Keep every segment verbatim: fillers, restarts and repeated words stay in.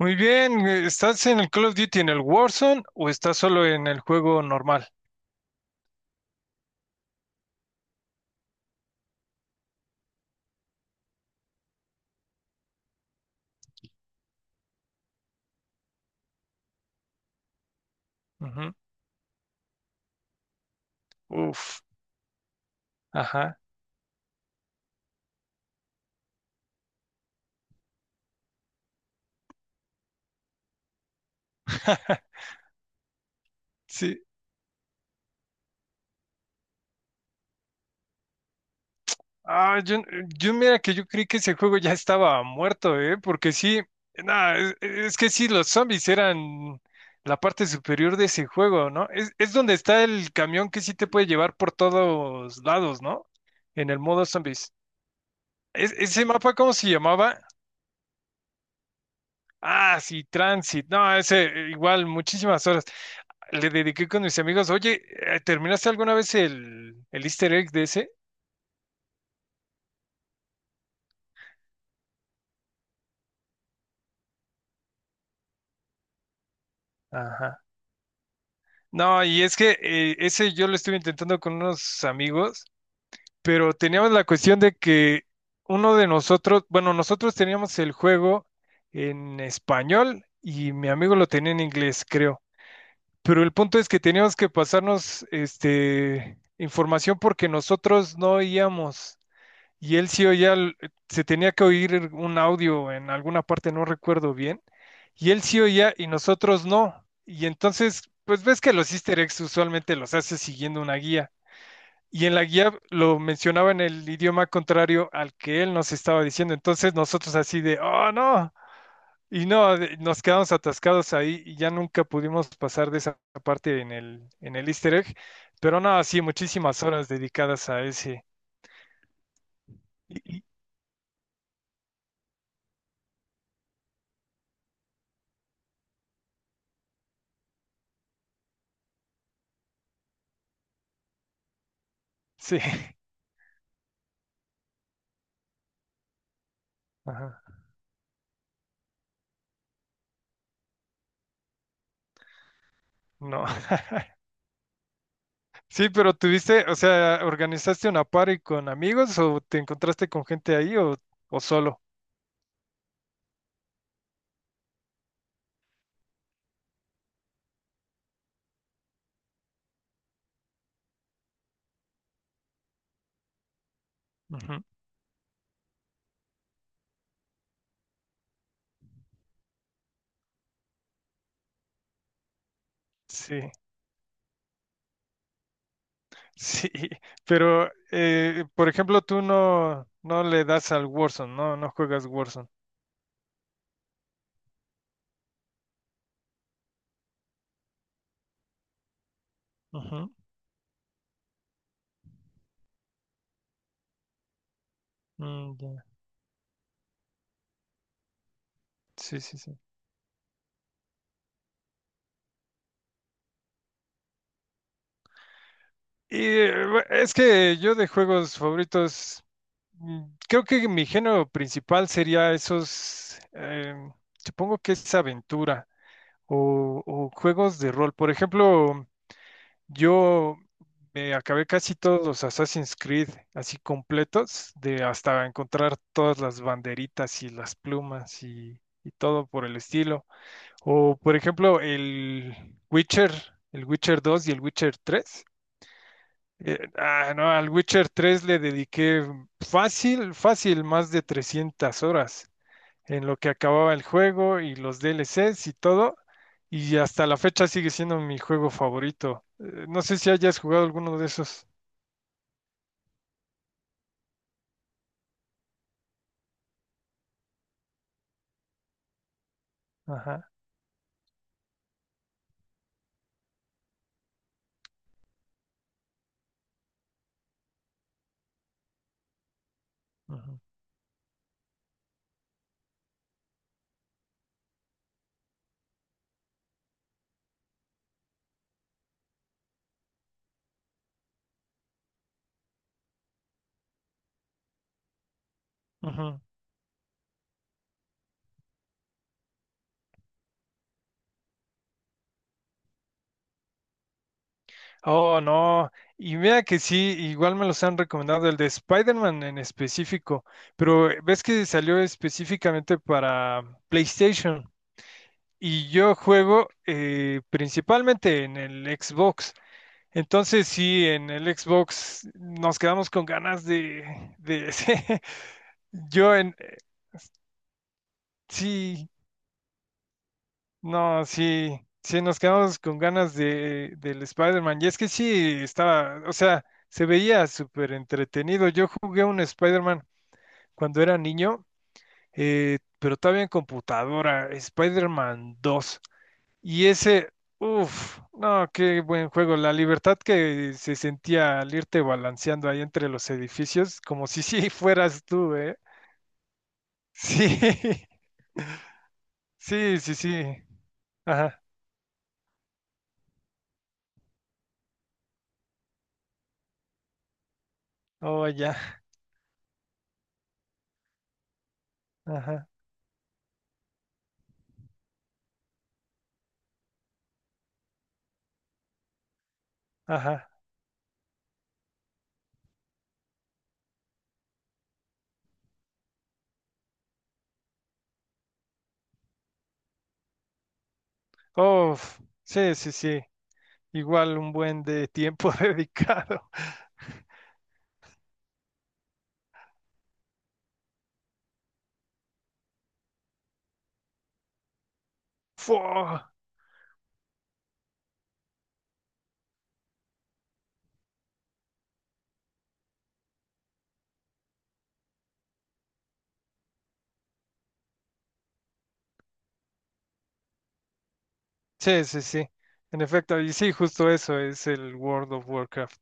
Muy bien, eh, ¿estás en el Call of Duty en el Warzone o estás solo en el juego normal? Ujú. Uf, ajá. Sí. Ah, yo, yo mira que yo creí que ese juego ya estaba muerto, ¿eh? Porque sí, nah, es, es que sí, los zombies eran la parte superior de ese juego, ¿no? Es, es donde está el camión que sí te puede llevar por todos lados, ¿no? En el modo zombies. Es- ese mapa, ¿cómo se llamaba? Ah, sí, Transit. No, ese eh, igual, muchísimas horas le dediqué con mis amigos, oye, eh, ¿terminaste alguna vez el, el easter egg de ese? Ajá. No, y es que eh, ese yo lo estuve intentando con unos amigos, pero teníamos la cuestión de que uno de nosotros, bueno, nosotros teníamos el juego en español y mi amigo lo tenía en inglés, creo. Pero el punto es que teníamos que pasarnos este información porque nosotros no oíamos. Y él sí oía, el- se tenía que oír un audio en alguna parte, no recuerdo bien, y él sí oía y nosotros no. Y entonces, pues ves que los easter eggs usualmente los hace siguiendo una guía. Y en la guía lo mencionaba en el idioma contrario al que él nos estaba diciendo. Entonces nosotros así de, oh no. Y no, de- nos quedamos atascados ahí y ya nunca pudimos pasar de esa parte en el, en el easter egg. Pero no, sí, muchísimas horas dedicadas a ese. Y- y- Sí. Ajá. No. Sí, pero tuviste, o sea, ¿organizaste una party con amigos o te encontraste con gente ahí o, o solo? Ujú. Sí, sí, pero eh, por ejemplo, tú no, no le das al Warzone, no, no juegas Warzone. Ujú. Mm, ya. Sí, sí, sí. Y eh, bu- es que yo de juegos favoritos, mm, creo que mi género principal sería esos, em, supongo que es aventura o, o juegos de rol. Por ejemplo, yo me acabé casi todos los Assassin's Creed así completos, de hasta encontrar todas las banderitas y las plumas y, y todo por el estilo. O por ejemplo, el Witcher, el Witcher dos y el Witcher tres. Eh, ah, no, al Witcher tres le dediqué fácil, fácil, más de trescientas horas en lo que acababa el juego y los D L Cs y todo. Y hasta la fecha sigue siendo mi juego favorito. Eh, no sé si hayas jugado alguno de esos. Ajá, ujú, ujú. Oh, no. Y mira que sí, igual me los han recomendado, el de Spider-Man en específico. Pero eh, ves que salió específicamente para PlayStation. Y yo juego eh, principalmente en el Xbox. Entonces sí, en el Xbox nos quedamos con ganas de, de, Yo en... eh, sí, no, sí, sí, nos quedamos con ganas de, del Spider-Man. Y es que sí, estaba, o sea, se veía súper entretenido. Yo jugué un Spider-Man cuando era niño, eh, pero todavía en computadora, Spider-Man dos. Y ese, uff, no, qué buen juego. La libertad que se sentía al irte balanceando ahí entre los edificios, como si sí fueras tú, ¿eh? Sí, sí, sí, sí. Ajá, oh, ya. Ajá, ajá. Uf, sí, sí, sí. Igual un buen de tiempo dedicado. Fua. Sí, sí, sí. En efecto, y sí, justo eso es el World of Warcraft.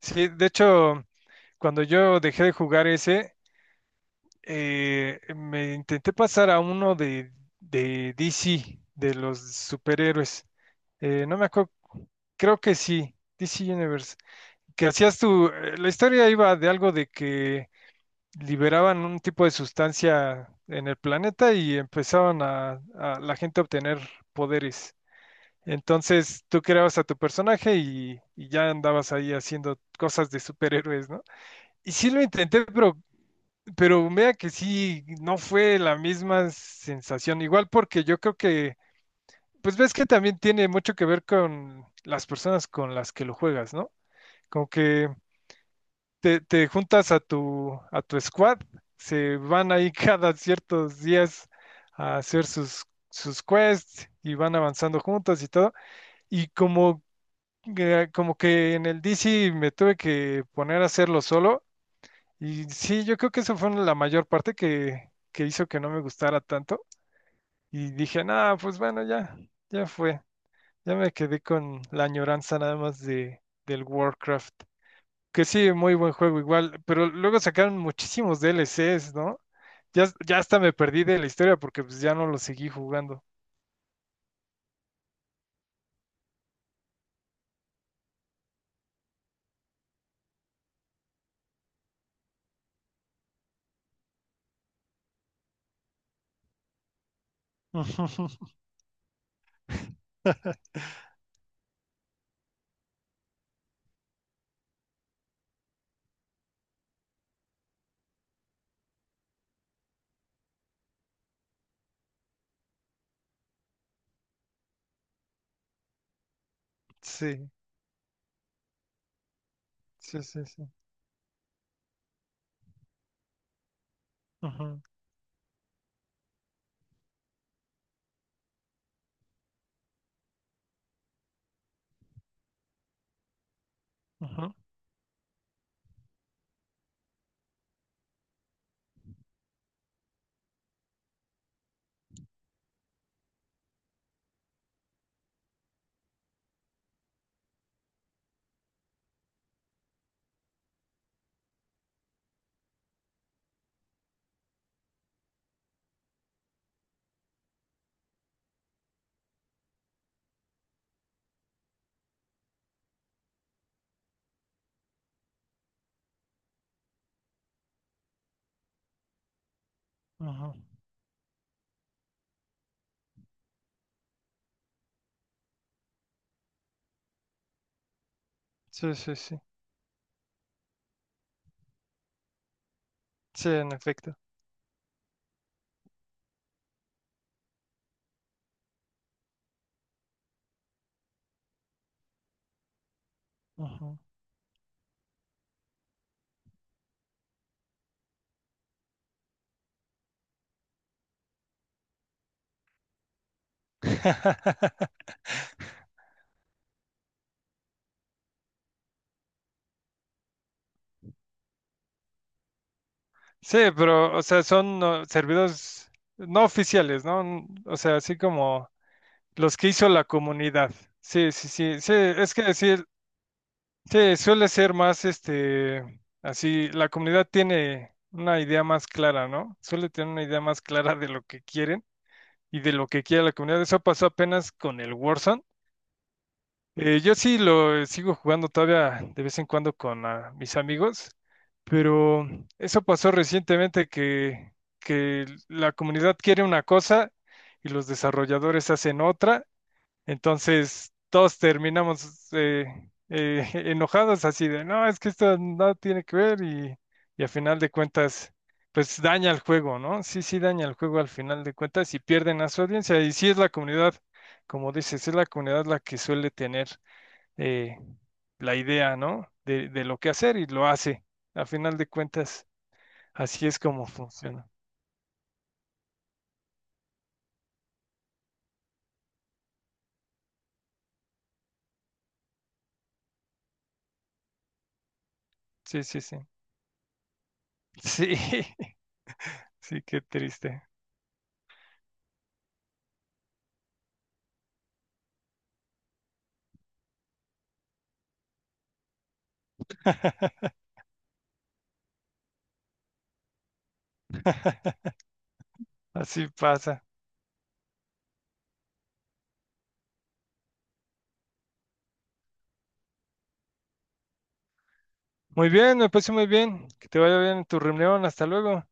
Sí, de hecho, cuando yo dejé de jugar ese, eh, me intenté pasar a uno de, de D C, de los superhéroes. Eh, no me acuerdo, creo que sí, D C Universe. Que hacías tu, eh, la historia iba de algo de que liberaban un tipo de sustancia en el planeta y empezaban a, a la gente a obtener poderes. Entonces tú creabas a tu personaje y, y ya andabas ahí haciendo cosas de superhéroes, ¿no? Y sí lo intenté, pero, pero vea que sí, no fue la misma sensación. Igual porque yo creo que, pues ves que también tiene mucho que ver con las personas con las que lo juegas, ¿no? Como que te, te juntas a tu, a tu squad, se van ahí cada ciertos días a hacer sus, sus quests y van avanzando juntos y todo. Y como, que- como que en el D C me tuve que poner a hacerlo solo. Y sí, yo creo que eso fue la mayor parte que, que hizo que no me gustara tanto. Y dije, nada, pues bueno, ya, ya fue. Ya me quedé con la añoranza nada más de, del Warcraft. Que sí, muy buen juego igual, pero luego sacaron muchísimos D L Cs, ¿no? Ya, ya hasta me perdí de la historia porque pues ya no lo seguí jugando. Sí, sí, sí, sí. Ujú, ujú, ujú. Sí, sí, sí. Sí, en efecto. Ujú. Sí, pero, o sea, son uh, servidores no oficiales, ¿no? N- O sea, así como los que hizo la comunidad. Sí, sí, sí, sí, es que sí, sí, suele ser más este, así, la comunidad tiene una idea más clara, ¿no? Suele tener una idea más clara de lo que quieren y de lo que quiere la comunidad. Eso pasó apenas con el Warzone. Eh, yo sí lo eh, sigo jugando todavía de vez en cuando con ah, mis amigos, pero eso pasó recientemente que, que la comunidad quiere una cosa y los desarrolladores hacen otra. Entonces, todos terminamos eh, eh, enojados así de, no, es que esto no tiene que ver y, y a final de cuentas, pues daña el juego, ¿no? Sí, sí, daña el juego al final de cuentas y pierden a su audiencia. Y sí es la comunidad, como dices, es la comunidad la que suele tener eh, la idea, ¿no? De, de lo que hacer y lo hace. A final de cuentas, así es como funciona. Sí, sí, sí. Sí, sí, qué triste. Así pasa. Muy bien, me parece muy bien. Que te vaya bien en tu reunión. Hasta luego.